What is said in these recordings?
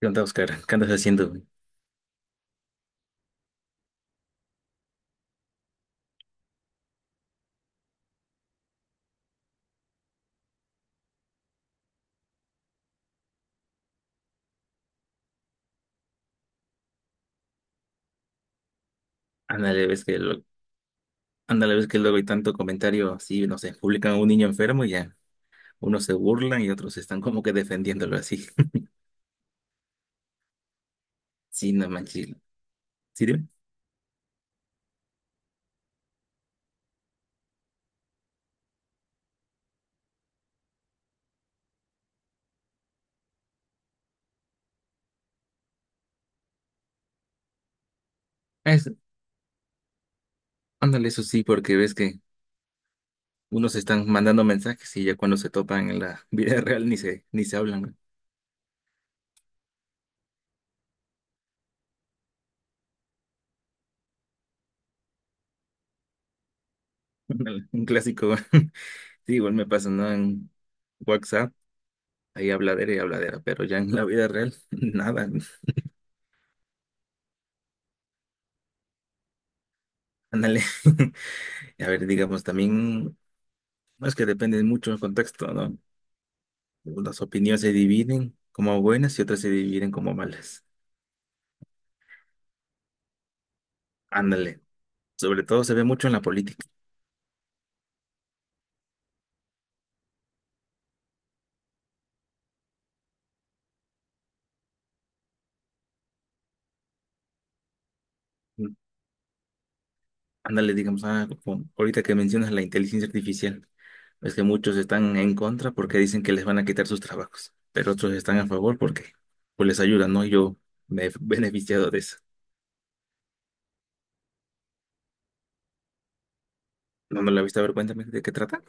¿Qué onda, Oscar? ¿Qué andas haciendo, güey? Ándale, ves que, lo- ándale, ves que luego hay tanto comentario así, no sé, publican a un niño enfermo y ya unos se burlan y otros están como que defendiéndolo así. Sí, no manches. ¿Sí, dime? Es- Ándale, eso sí, porque ves que unos están mandando mensajes y ya cuando se topan en la vida real ni se hablan, güey. Ándale, un clásico, güey. Sí, igual me pasa, ¿no? En WhatsApp, ahí habladera y habladera, pero ya en la vida real, nada. Ándale. A ver, digamos, también. No, es que depende mucho del contexto, ¿no? Las opiniones se dividen como buenas y otras se dividen como malas. Ándale. Sobre todo se ve mucho en la política. Ándale, digamos, como ahorita que mencionas la inteligencia artificial, es que muchos están en contra porque dicen que les van a quitar sus trabajos, pero otros están a favor porque pues les ayudan, ¿no? Yo me he beneficiado de eso. No me lo he visto, a ver cuéntame de qué trata.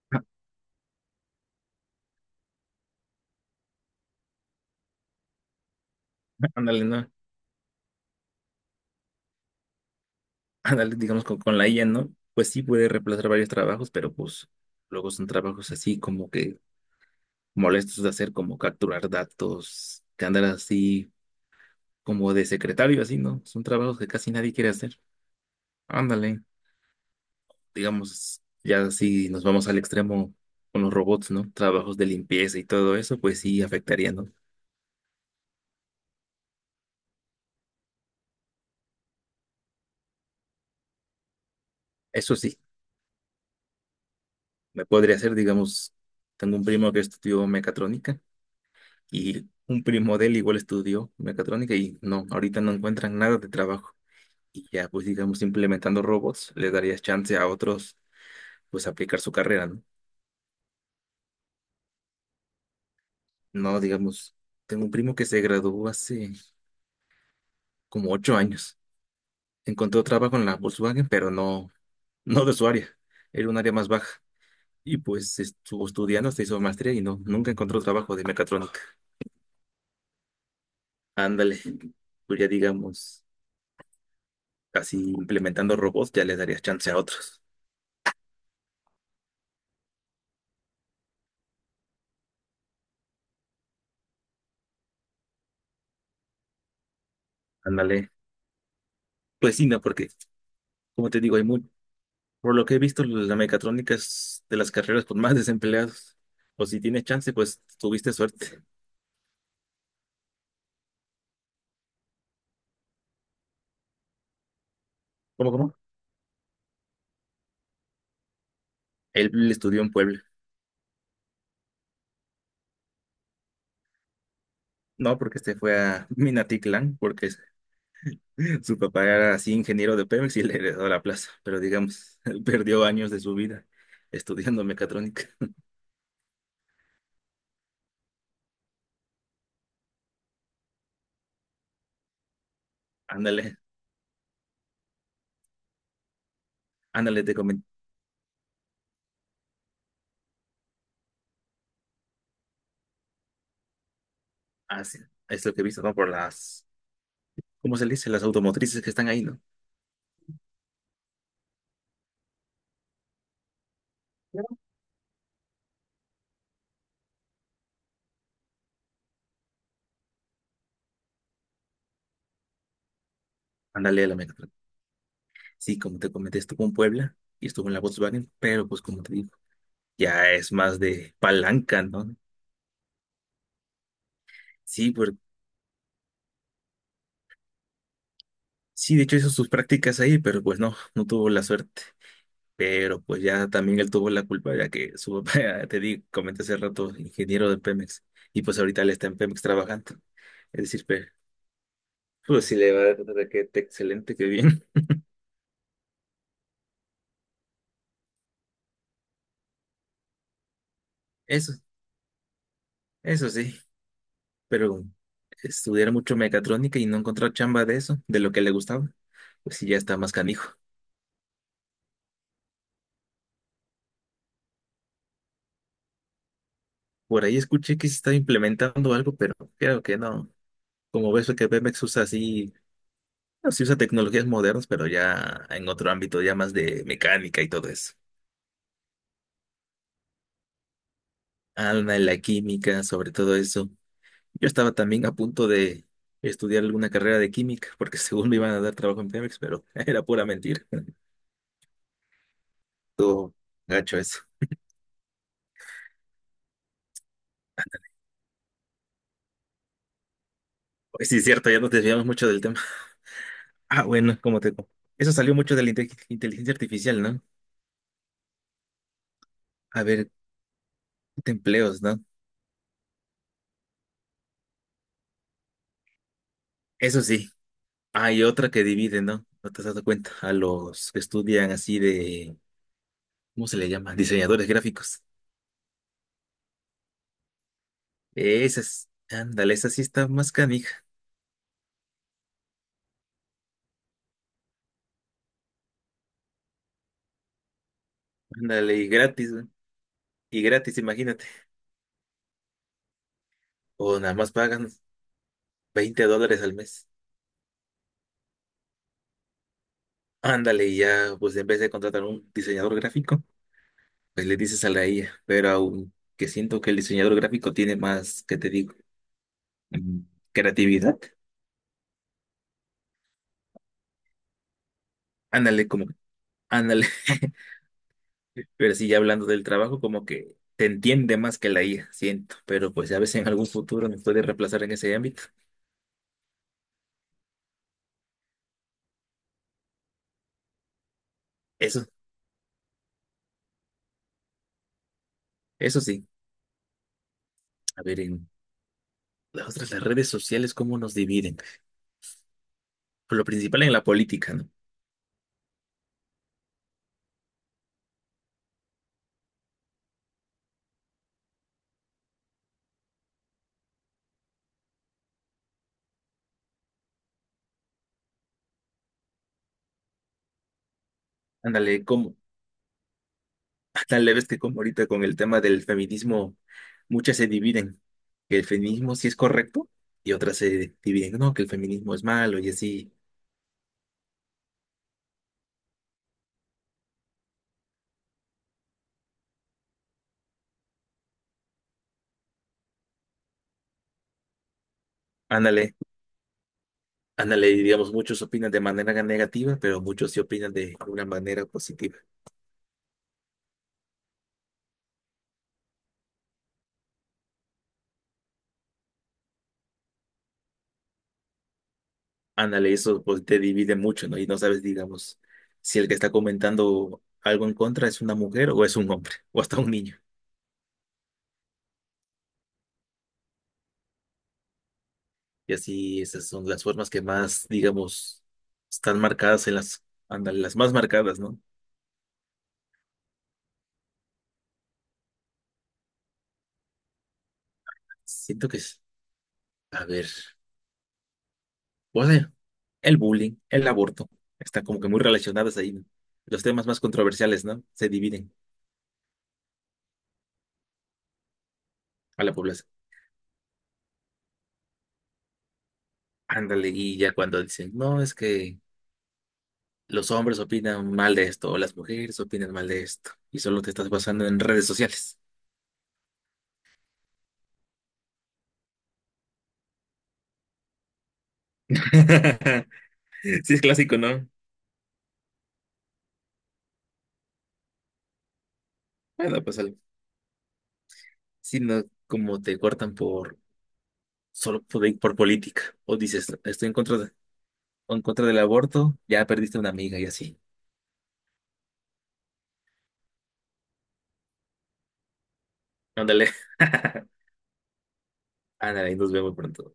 Ándale, ¿no? Ándale, digamos, con la IA, ¿no? Pues sí puede reemplazar varios trabajos, pero pues luego son trabajos así como que molestos de hacer como capturar datos, que andar así como de secretario, así, ¿no? Son trabajos que casi nadie quiere hacer. Ándale, digamos, ya así nos vamos al extremo con los robots, ¿no? Trabajos de limpieza y todo eso, pues sí afectaría, ¿no? Eso sí, me podría hacer, digamos, tengo un primo que estudió mecatrónica y un primo de él igual estudió mecatrónica y no, ahorita no encuentran nada de trabajo. Y ya, pues digamos, implementando robots, le darías chance a otros, pues, aplicar su carrera, ¿no? No, digamos, tengo un primo que se graduó hace como ocho años. Encontró trabajo en la Volkswagen, pero no, no de su área. Era un área más baja. Y pues estuvo estudiando, se hizo maestría y no, nunca encontró trabajo de mecatrónica. Ándale, pues ya digamos, así implementando robots, ya le darías chance a otros. Ándale, pues sí, no, porque, como te digo, por lo que he visto, la mecatrónica es de las carreras con más desempleados. O si tienes chance, pues tuviste suerte. ¿Cómo, cómo? Él estudió en Puebla. No, porque este fue a Minatitlán. Su papá era así ingeniero de Pemex y le heredó la plaza, pero digamos, perdió años de su vida estudiando mecatrónica. Ándale, ándale, te comento. Así es lo que he visto, ¿no? Por las, ¿cómo se le dice? Las automotrices que están ahí, ¿no? Ándale a la mecatrónica. Sí, como te comenté, estuvo en Puebla y estuvo en la Volkswagen, pero pues como te digo, ya es más de palanca, ¿no? Sí, sí, de hecho hizo sus prácticas ahí, pero pues no, no tuvo la suerte. Pero pues ya también él tuvo la culpa, ya que su papá, comenté hace rato, ingeniero de Pemex, y pues ahorita él está en Pemex trabajando. Es decir, pues sí le va a dar excelente, qué bien. Eso, eso sí, pero estudiar mucho mecatrónica y no encontrar chamba de eso, de lo que le gustaba, pues sí ya está más canijo. Por ahí escuché que se está implementando algo, pero creo que no. Como ves, que Pemex usa así, no, sí usa tecnologías modernas, pero ya en otro ámbito, ya más de mecánica y todo eso. Alma en la química, sobre todo eso. Yo estaba también a punto de estudiar alguna carrera de química, porque según me iban a dar trabajo en Pemex, pero era pura mentira. Todo gacho eso. Pues sí, cierto, ya nos desviamos mucho del tema. Ah, bueno, como te. Eso salió mucho de la inteligencia artificial, ¿no? A ver, de empleos, ¿no? Eso sí, hay otra que divide, ¿no? ¿No te has dado cuenta? A los que estudian así de. ¿Cómo se le llama? Diseñadores gráficos. Esas, ándale, esa sí está más canija. Ándale, y gratis. Y gratis, imagínate. O nada más pagan $20 al mes. Ándale, y ya, pues en vez de contratar un diseñador gráfico, pues le dices a la IA. Pero aunque siento que el diseñador gráfico tiene más, ¿qué te digo? Mm, Creatividad. Ándale, ándale. Pero sí, ya hablando del trabajo, como que te entiende más que la IA, siento. Pero pues a veces en algún futuro nos puede reemplazar en ese ámbito. Eso, eso sí. A ver, en las redes sociales, ¿cómo nos dividen? Por lo principal en la política, ¿no? Ándale, ¿cómo? Tan leves que como ahorita con el tema del feminismo, muchas se dividen, que el feminismo sí es correcto y otras se dividen, no, que el feminismo es malo y así. Ándale, ándale, y digamos, muchos opinan de manera negativa, pero muchos sí opinan de una manera positiva. Ándale, eso pues te divide mucho, ¿no? Y no sabes, digamos, si el que está comentando algo en contra es una mujer o es un hombre o hasta un niño. Y así esas son las formas que más, digamos, están marcadas en las, ándale, las más marcadas, ¿no? Siento que sí. A ver, o sea, el bullying, el aborto, están como que muy relacionados ahí, ¿no? Los temas más controversiales, ¿no? Se dividen a la población. Ándale, y ya cuando dicen, no, es que los hombres opinan mal de esto, o las mujeres opinan mal de esto, y solo te estás basando en redes sociales. Sí, es clásico, ¿no? Bueno, pues algo. Sí, no, como te cortan por, solo por, política, o dices, estoy en contra en contra del aborto, ya perdiste una amiga y así. Ándale. Ándale, nos vemos pronto.